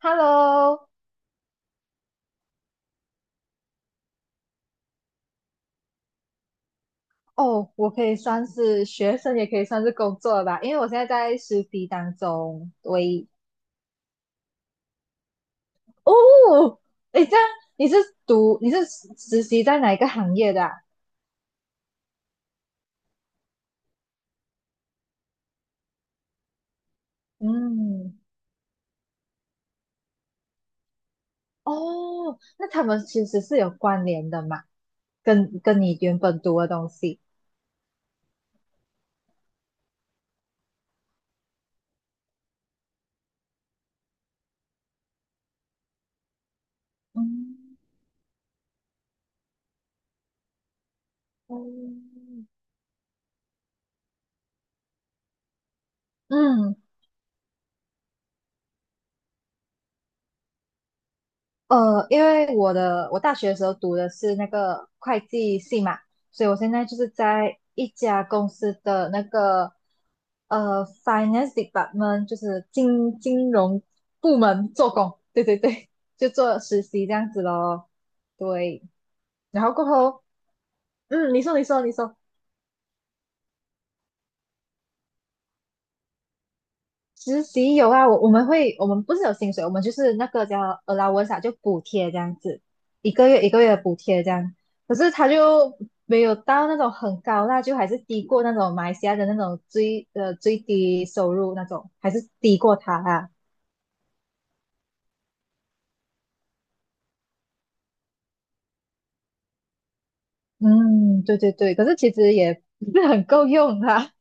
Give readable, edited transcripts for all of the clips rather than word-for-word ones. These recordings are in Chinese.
Hello。哦，我可以算是学生，也可以算是工作了吧，因为我现在在实习当中。喂。哦。诶，这样你是你是实习在哪一个行业的啊？嗯。哦，那他们其实是有关联的嘛，跟你原本读的东西。嗯。哦。嗯。因为我大学的时候读的是那个会计系嘛，所以我现在就是在一家公司的那个finance department，就是金融部门做工。对对对，就做实习这样子咯。对。然后过后，嗯，你说你说你说。实习有啊，我们会，我们不是有薪水，我们就是那个叫 allowance 啊，就补贴这样子，一个月一个月的补贴这样。可是他就没有到那种很高啦，就还是低过那种马来西亚的那种最低收入那种，还是低过他啊。嗯，对对对，可是其实也不是很够用啦。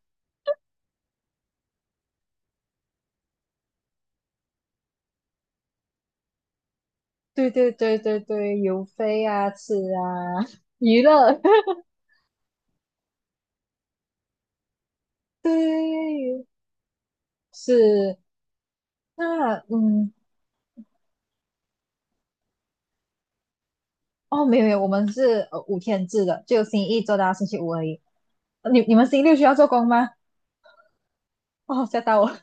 对对对对对，邮费啊，吃啊，娱乐。对。是。那哦，没有没有，我们是5天制的，就星期一做到星期五而已。你们星期六需要做工吗？哦，吓到我。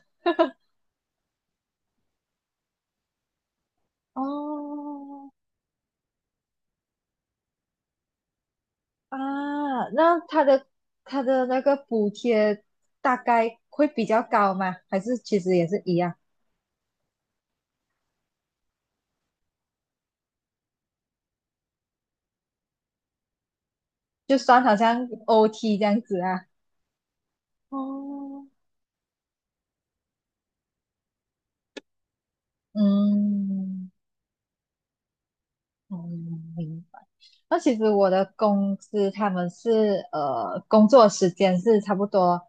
哦啊，那他的那个补贴大概会比较高吗？还是其实也是一样，就算好像 OT 这样子啊？哦，嗯。嗯，明白。那其实我的公司他们是工作时间是差不多，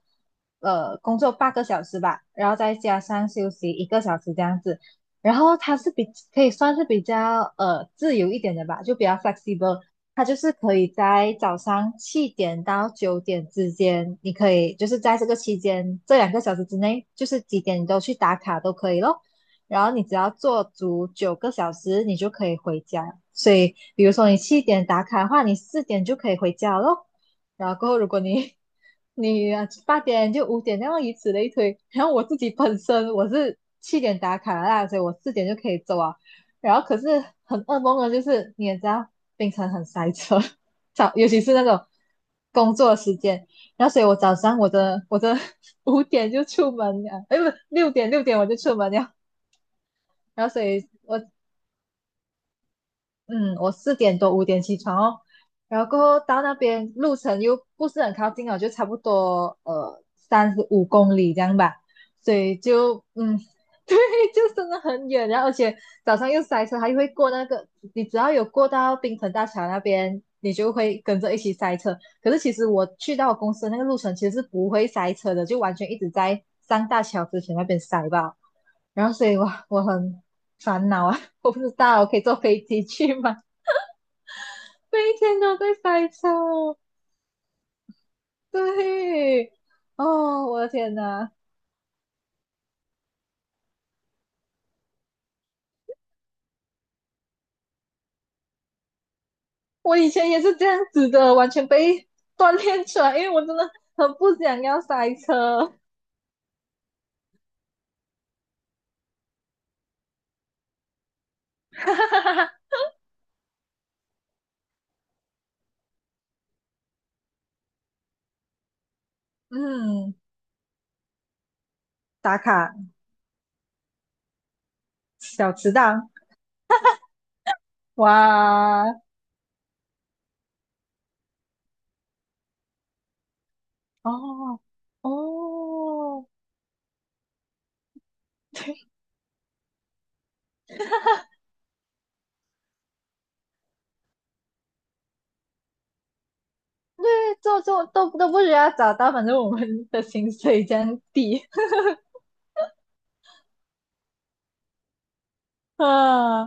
工作8个小时吧，然后再加上休息1个小时这样子。然后它是可以算是比较自由一点的吧，就比较 flexible。它就是可以在早上7点到9点之间，你可以就是在这个期间这2个小时之内，就是几点你都去打卡都可以咯。然后你只要做足9个小时，你就可以回家。所以，比如说你七点打卡的话，你四点就可以回家咯。然后过后，如果你 你八点就五点那样以此类推。然后我自己本身我是七点打卡啦，所以我四点就可以走啊。然后可是很噩梦的就是你也知道，槟城很塞车。尤其是那种工作时间。然后所以我早上我的 五点就出门了，哎不是六点我就出门了，然后所以我四点多五点起床哦，然后过后到那边路程又不是很靠近哦，就差不多35公里这样吧，所以就对，就真的很远，然后而且早上又塞车，还会过那个，你只要有过到槟城大桥那边，你就会跟着一起塞车。可是其实我去到我公司的那个路程其实是不会塞车的，就完全一直在上大桥之前那边塞吧。然后所以我很烦恼啊。我不知道我可以坐飞机去吗？每一天都在塞车。对。哦，我的天呐。我以前也是这样子的，完全被锻炼出来，因为我真的很不想要塞车。嗯，打卡小迟到，哇，哦哦，做都不需要找到，反正我们的薪水这样低。 啊。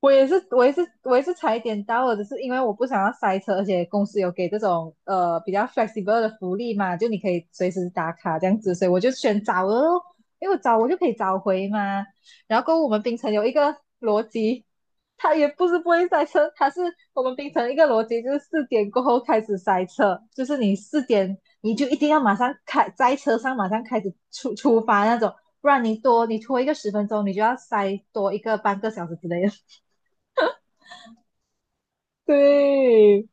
我也是，我也是，我也是踩点到了，只是因为我不想要塞车，而且公司有给这种比较 flexible 的福利嘛，就你可以随时打卡这样子，所以我就选早了咯。因为我早我就可以早回嘛。然后跟我们槟城有一个逻辑，它也不是不会塞车，它是我们槟城一个逻辑就是四点过后开始塞车，就是你四点你就一定要马上开在车上马上开始出发那种，不然你拖一个10分钟，你就要塞多一个半个小时之类的。对，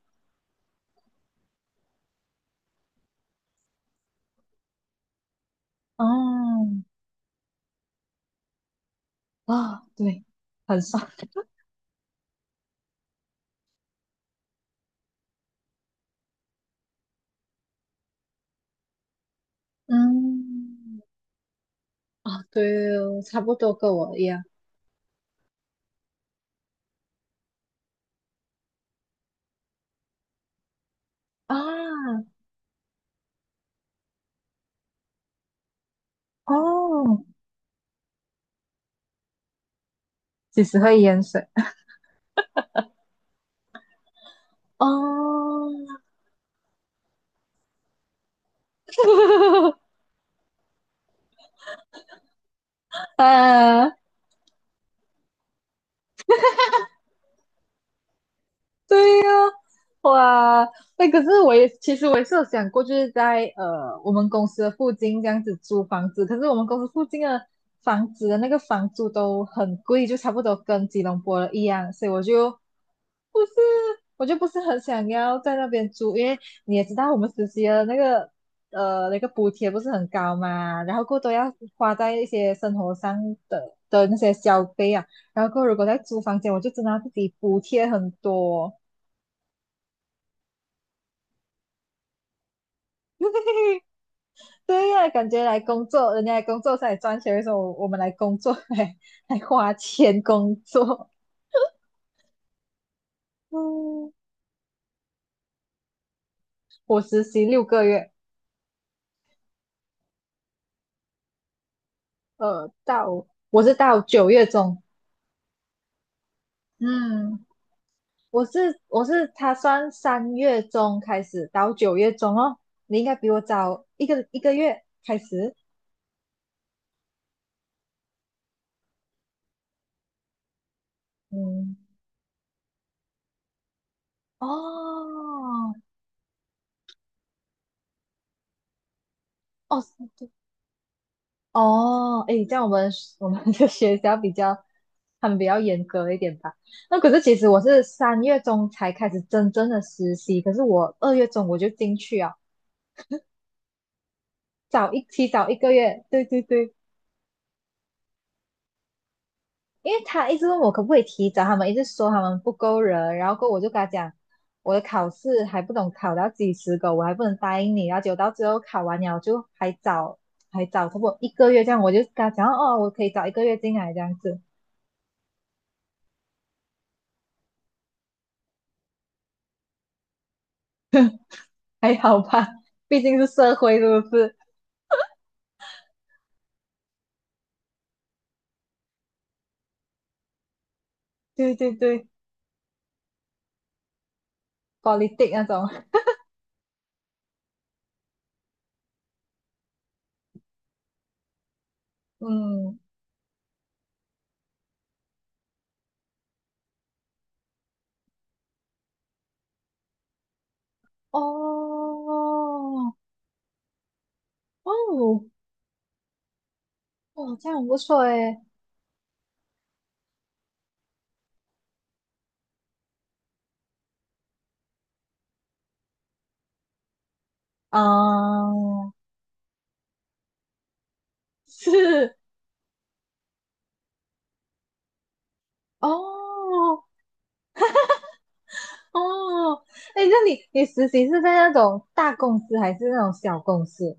啊啊，对，很爽。嗯，啊，对哦，差不多跟我一样啊。哦，几时会淹水？哦。啊，对呀、哇。那可是其实我也是有想过，就是在我们公司的附近这样子租房子，可是我们公司附近的房子的那个房租都很贵，就差不多跟吉隆坡的一样，所以不是我就不是很想要在那边租，因为你也知道我们实习的那个补贴不是很高嘛，然后过多要花在一些生活上的那些消费啊，然后过后如果在租房间，我就真的要自己补贴很多。对呀、感觉来工作，人家来工作是来赚钱，的时候，我们来工作 还花钱工作？嗯，我实习6个月。我是到九月中。嗯。我是他算三月中开始到九月中哦。你应该比我早一个月开始。嗯，哦哦对哦，诶，这样我们的学校比较他们比较严格一点吧。那可是其实我是三月中才开始真正的实习，可是我2月中我就进去啊，提早一个月。对对对。因为他一直问我可不可以提早，他们一直说他们不够人，然后过后我就跟他讲，我的考试还不懂考到几十个，我还不能答应你，然后结果到最后考完了就还早，还早差不多一个月这样，我就跟他讲哦，我可以早一个月进来这样子。还好吧，毕竟是社会是不是？对对对，politic 那种，嗯，哦哦哦，这样不错诶。嗯，是哦。哦，哎，那你实习是在那种大公司还是那种小公司？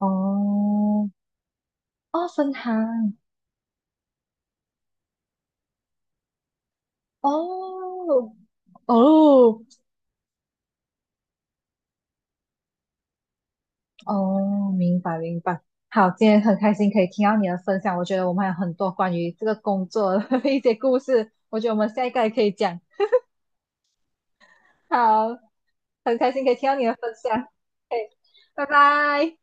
哦，哦，分行。哦，哦，哦，明白明白。好，今天很开心可以听到你的分享，我觉得我们还有很多关于这个工作的 一些故事，我觉得我们下一个也可以讲。好，很开心可以听到你的分享，拜拜。